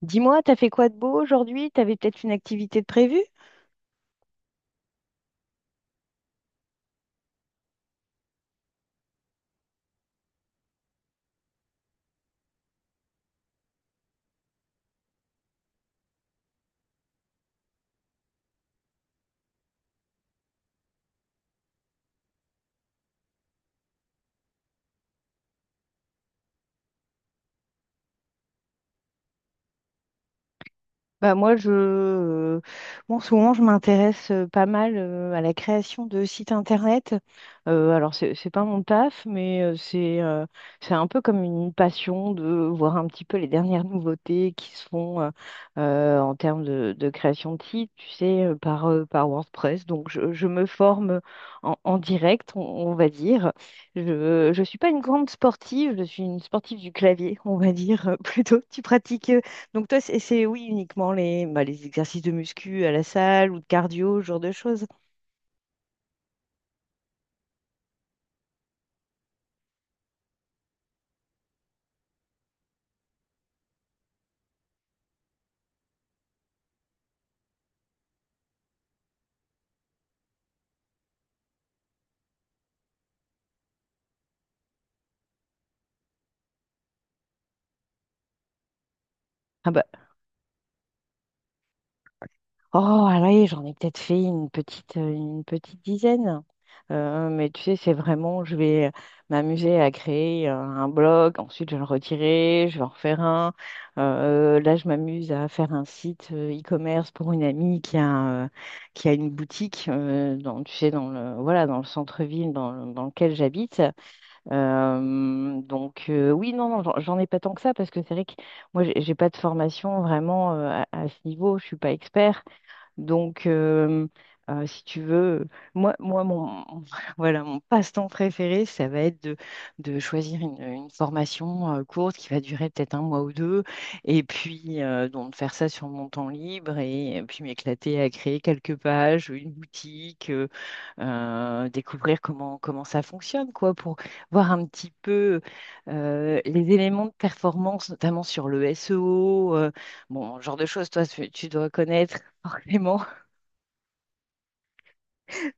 Dis-moi, t'as fait quoi de beau aujourd'hui? T'avais peut-être une activité de prévue? Bah moi, en ce moment, je m'intéresse pas mal, à la création de sites internet. Alors, c'est pas mon taf, mais c'est un peu comme une passion de voir un petit peu les dernières nouveautés qui se font en termes de création de sites, tu sais, par WordPress. Donc, je me forme en direct, on va dire. Je suis pas une grande sportive, je suis une sportive du clavier, on va dire, plutôt. Tu pratiques donc toi, oui, uniquement les, bah, les exercices de muscu à la salle ou de cardio, ce genre de choses. Ah bah, oh allez, j'en ai peut-être fait une petite dizaine. Mais tu sais, c'est vraiment, je vais m'amuser à créer un blog, ensuite je vais le retirer, je vais en refaire un. Là, je m'amuse à faire un site e-commerce pour une amie qui a une boutique dans, tu sais, dans le, voilà, dans le centre-ville dans lequel j'habite. Oui, non, non, j'en ai pas tant que ça parce que c'est vrai que moi j'ai pas de formation vraiment à ce niveau, je suis pas expert. Donc, si tu veux, moi, moi mon, voilà, mon passe-temps préféré, ça va être de choisir une formation courte qui va durer peut-être un mois ou deux, et puis donc faire ça sur mon temps libre, et puis m'éclater à créer quelques pages, une boutique, découvrir comment ça fonctionne, quoi, pour voir un petit peu les éléments de performance, notamment sur le SEO, bon, genre de choses, toi, tu dois connaître forcément.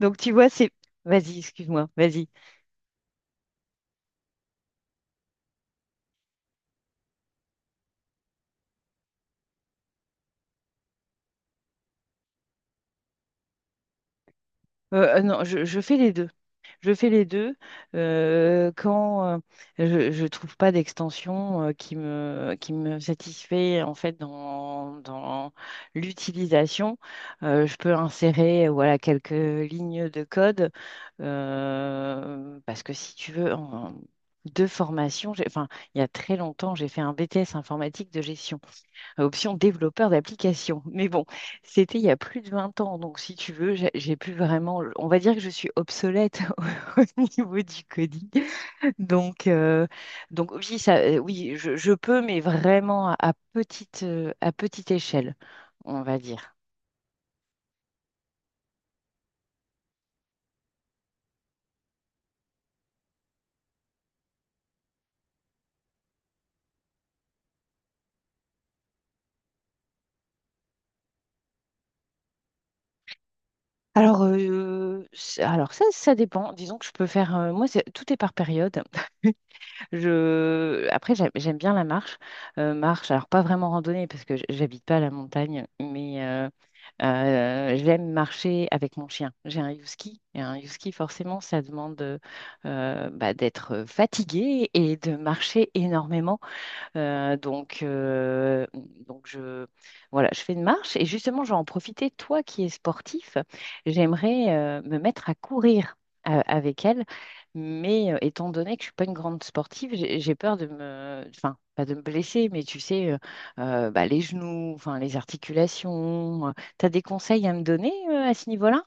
Donc tu vois, Vas-y, excuse-moi, vas-y. Non, je fais les deux. Je fais les deux quand je ne trouve pas d'extension qui me satisfait, en fait, dans l'utilisation. Je peux insérer, voilà, quelques lignes de code parce que si tu veux, de formation, enfin, il y a très longtemps, j'ai fait un BTS informatique de gestion, option développeur d'application. Mais bon, c'était il y a plus de 20 ans, donc si tu veux, j'ai plus vraiment, on va dire que je suis obsolète au niveau du coding. Donc, euh, donc oui, ça, oui, je peux, mais vraiment à petite échelle, on va dire. Alors, ça dépend. Disons que je peux faire, tout est par période. Après, j'aime bien la marche. Marche, alors pas vraiment randonnée parce que j'habite pas à la montagne, mais, j'aime marcher avec mon chien. J'ai un husky. Et un husky, forcément, ça demande bah, d'être fatigué et de marcher énormément. Euh, donc, euh, donc je, voilà, je fais une marche et justement, je vais en profiter. Toi qui es sportif, j'aimerais me mettre à courir avec elle, mais étant donné que je suis pas une grande sportive, j'ai peur de me, enfin, pas de me blesser, mais tu sais, bah, les genoux, enfin, les articulations. Tu as des conseils à me donner à ce niveau-là?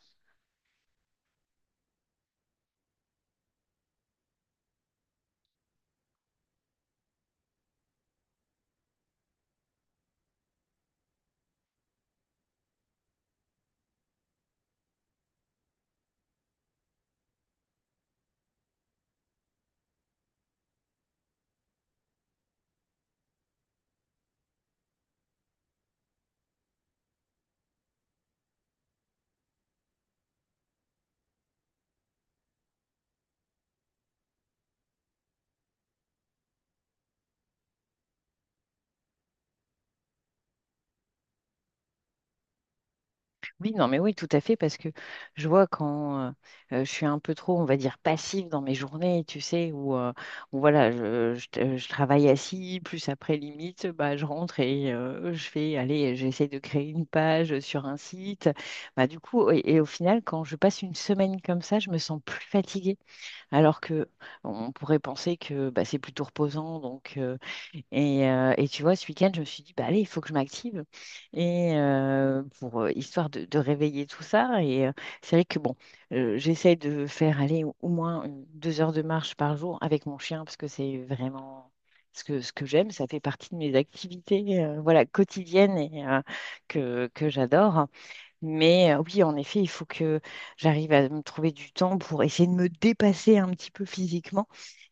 Oui, non, mais oui, tout à fait, parce que je vois quand je suis un peu trop, on va dire, passive dans mes journées, tu sais, où voilà, je travaille assis, plus après, limite, bah, je rentre et je fais, allez, j'essaie de créer une page sur un site. Bah, du coup, et au final, quand je passe une semaine comme ça, je me sens plus fatiguée, alors que on pourrait penser que bah, c'est plutôt reposant, donc. Et tu vois, ce week-end, je me suis dit, bah allez, il faut que je m'active. Et pour Histoire de réveiller tout ça. C'est vrai que bon, j'essaie de faire aller au moins 2 heures de marche par jour avec mon chien, parce que c'est vraiment ce que j'aime. Ça fait partie de mes activités voilà, quotidiennes et que j'adore. Mais oui, en effet, il faut que j'arrive à me trouver du temps pour essayer de me dépasser un petit peu physiquement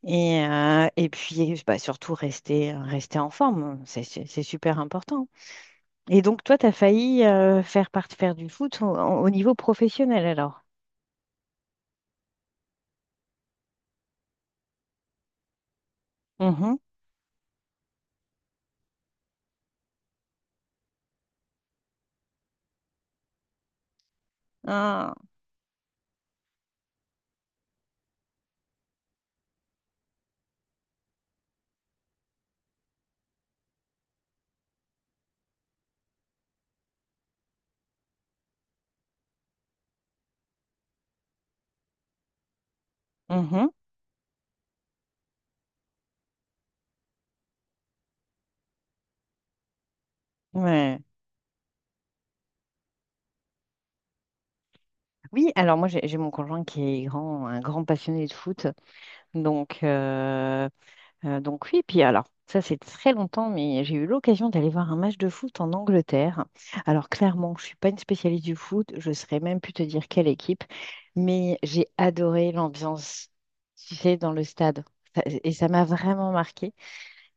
et puis bah, surtout rester en forme. C'est super important. Et donc, toi, tu as failli faire du foot au niveau professionnel alors? Mhm. Ah, mhm. Ouais. Oui, alors moi, j'ai mon conjoint qui est grand, un grand passionné de foot. Donc, oui, puis alors, ça c'est très longtemps, mais j'ai eu l'occasion d'aller voir un match de foot en Angleterre. Alors clairement, je ne suis pas une spécialiste du foot, je ne saurais même plus te dire quelle équipe, mais j'ai adoré l'ambiance, tu sais, dans le stade. Et ça m'a vraiment marqué.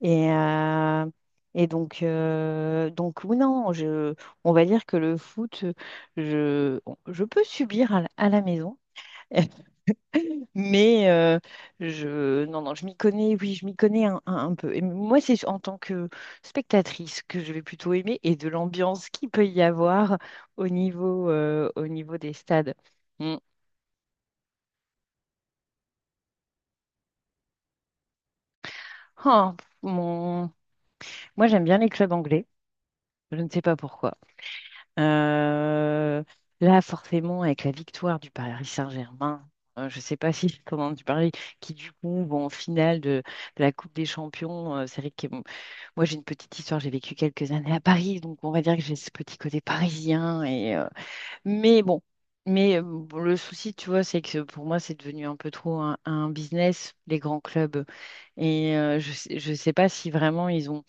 Et, euh, et donc oui, non, je, On va dire que le foot, je, je peux subir à la maison. Mais euh, non, non, je m'y connais, oui, je m'y connais un peu. Et moi, c'est en tant que spectatrice que je vais plutôt aimer, et de l'ambiance qu'il peut y avoir au niveau des stades. Mm. Ah, mon... Moi, j'aime bien les clubs anglais. Je ne sais pas pourquoi. Euh, Là, forcément, avec la victoire du Paris Saint-Germain, je ne sais pas si, comment tu parlais, qui du coup vont en finale de la Coupe des Champions, c'est vrai que... Moi, j'ai une petite histoire. J'ai vécu quelques années à Paris, donc on va dire que j'ai ce petit côté parisien. Mais bon, bon, le souci, tu vois, c'est que pour moi, c'est devenu un peu trop un business, les grands clubs. Je sais pas si vraiment ils ont,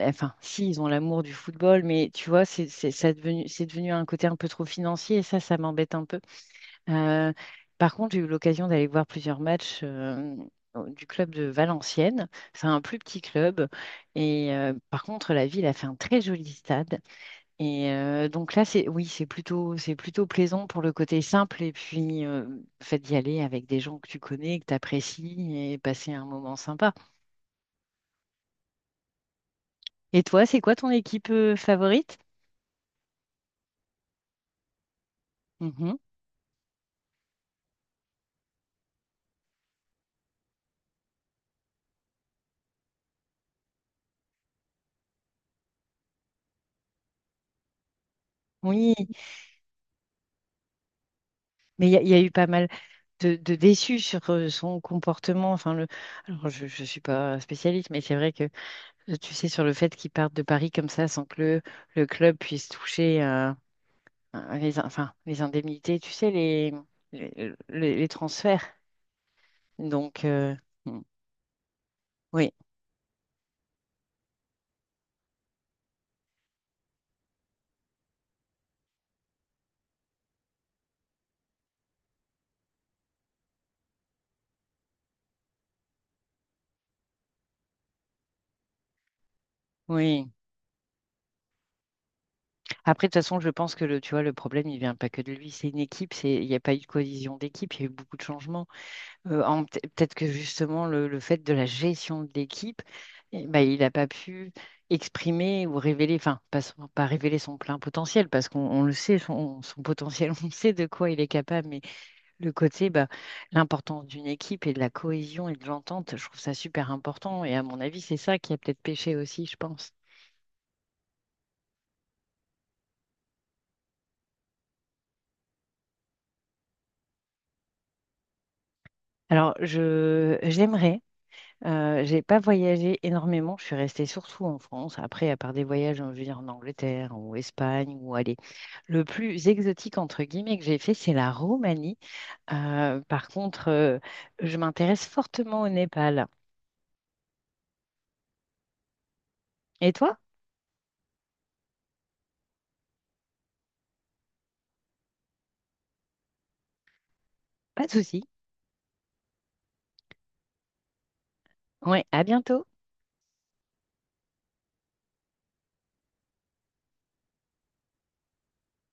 enfin, si ils ont l'amour du football, mais tu vois, c'est devenu un côté un peu trop financier. Et ça m'embête un peu. Euh, Par contre, j'ai eu l'occasion d'aller voir plusieurs matchs du club de Valenciennes. C'est un plus petit club. Par contre, la ville a fait un très joli stade. Donc là, c'est, oui, c'est plutôt plaisant pour le côté simple. Et puis, le fait d'y aller avec des gens que tu connais, que tu apprécies, et passer un moment sympa. Et toi, c'est quoi ton équipe favorite? Mhm. Oui, mais il y a eu pas mal de déçu sur son comportement. Enfin, Alors, je ne suis pas spécialiste, mais c'est vrai que, tu sais, sur le fait qu'il parte de Paris comme ça sans que le club puisse toucher enfin, les indemnités, tu sais, les transferts. Donc, euh, mm, oui, oui. Après, de toute façon, je pense que le, tu vois, le problème, il vient pas que de lui. C'est une équipe, il n'y a pas eu de cohésion d'équipe, il y a eu beaucoup de changements. Peut-être que justement, le fait de la gestion de l'équipe, eh ben, il n'a pas pu exprimer ou révéler, enfin, pas, pas révéler son plein potentiel, parce qu'on le sait, son potentiel, on sait de quoi il est capable, mais le côté, bah, l'importance d'une équipe et de la cohésion et de l'entente, je trouve ça super important. Et à mon avis, c'est ça qui a peut-être péché aussi, je pense. Alors, je, j'aimerais j'ai pas voyagé énormément, je suis restée surtout en France. Après, à part des voyages, je veux dire, en Angleterre ou Espagne, ou allez, le plus exotique entre guillemets que j'ai fait, c'est la Roumanie. Par contre, je m'intéresse fortement au Népal. Et toi? Pas de souci. Ouais, à bientôt.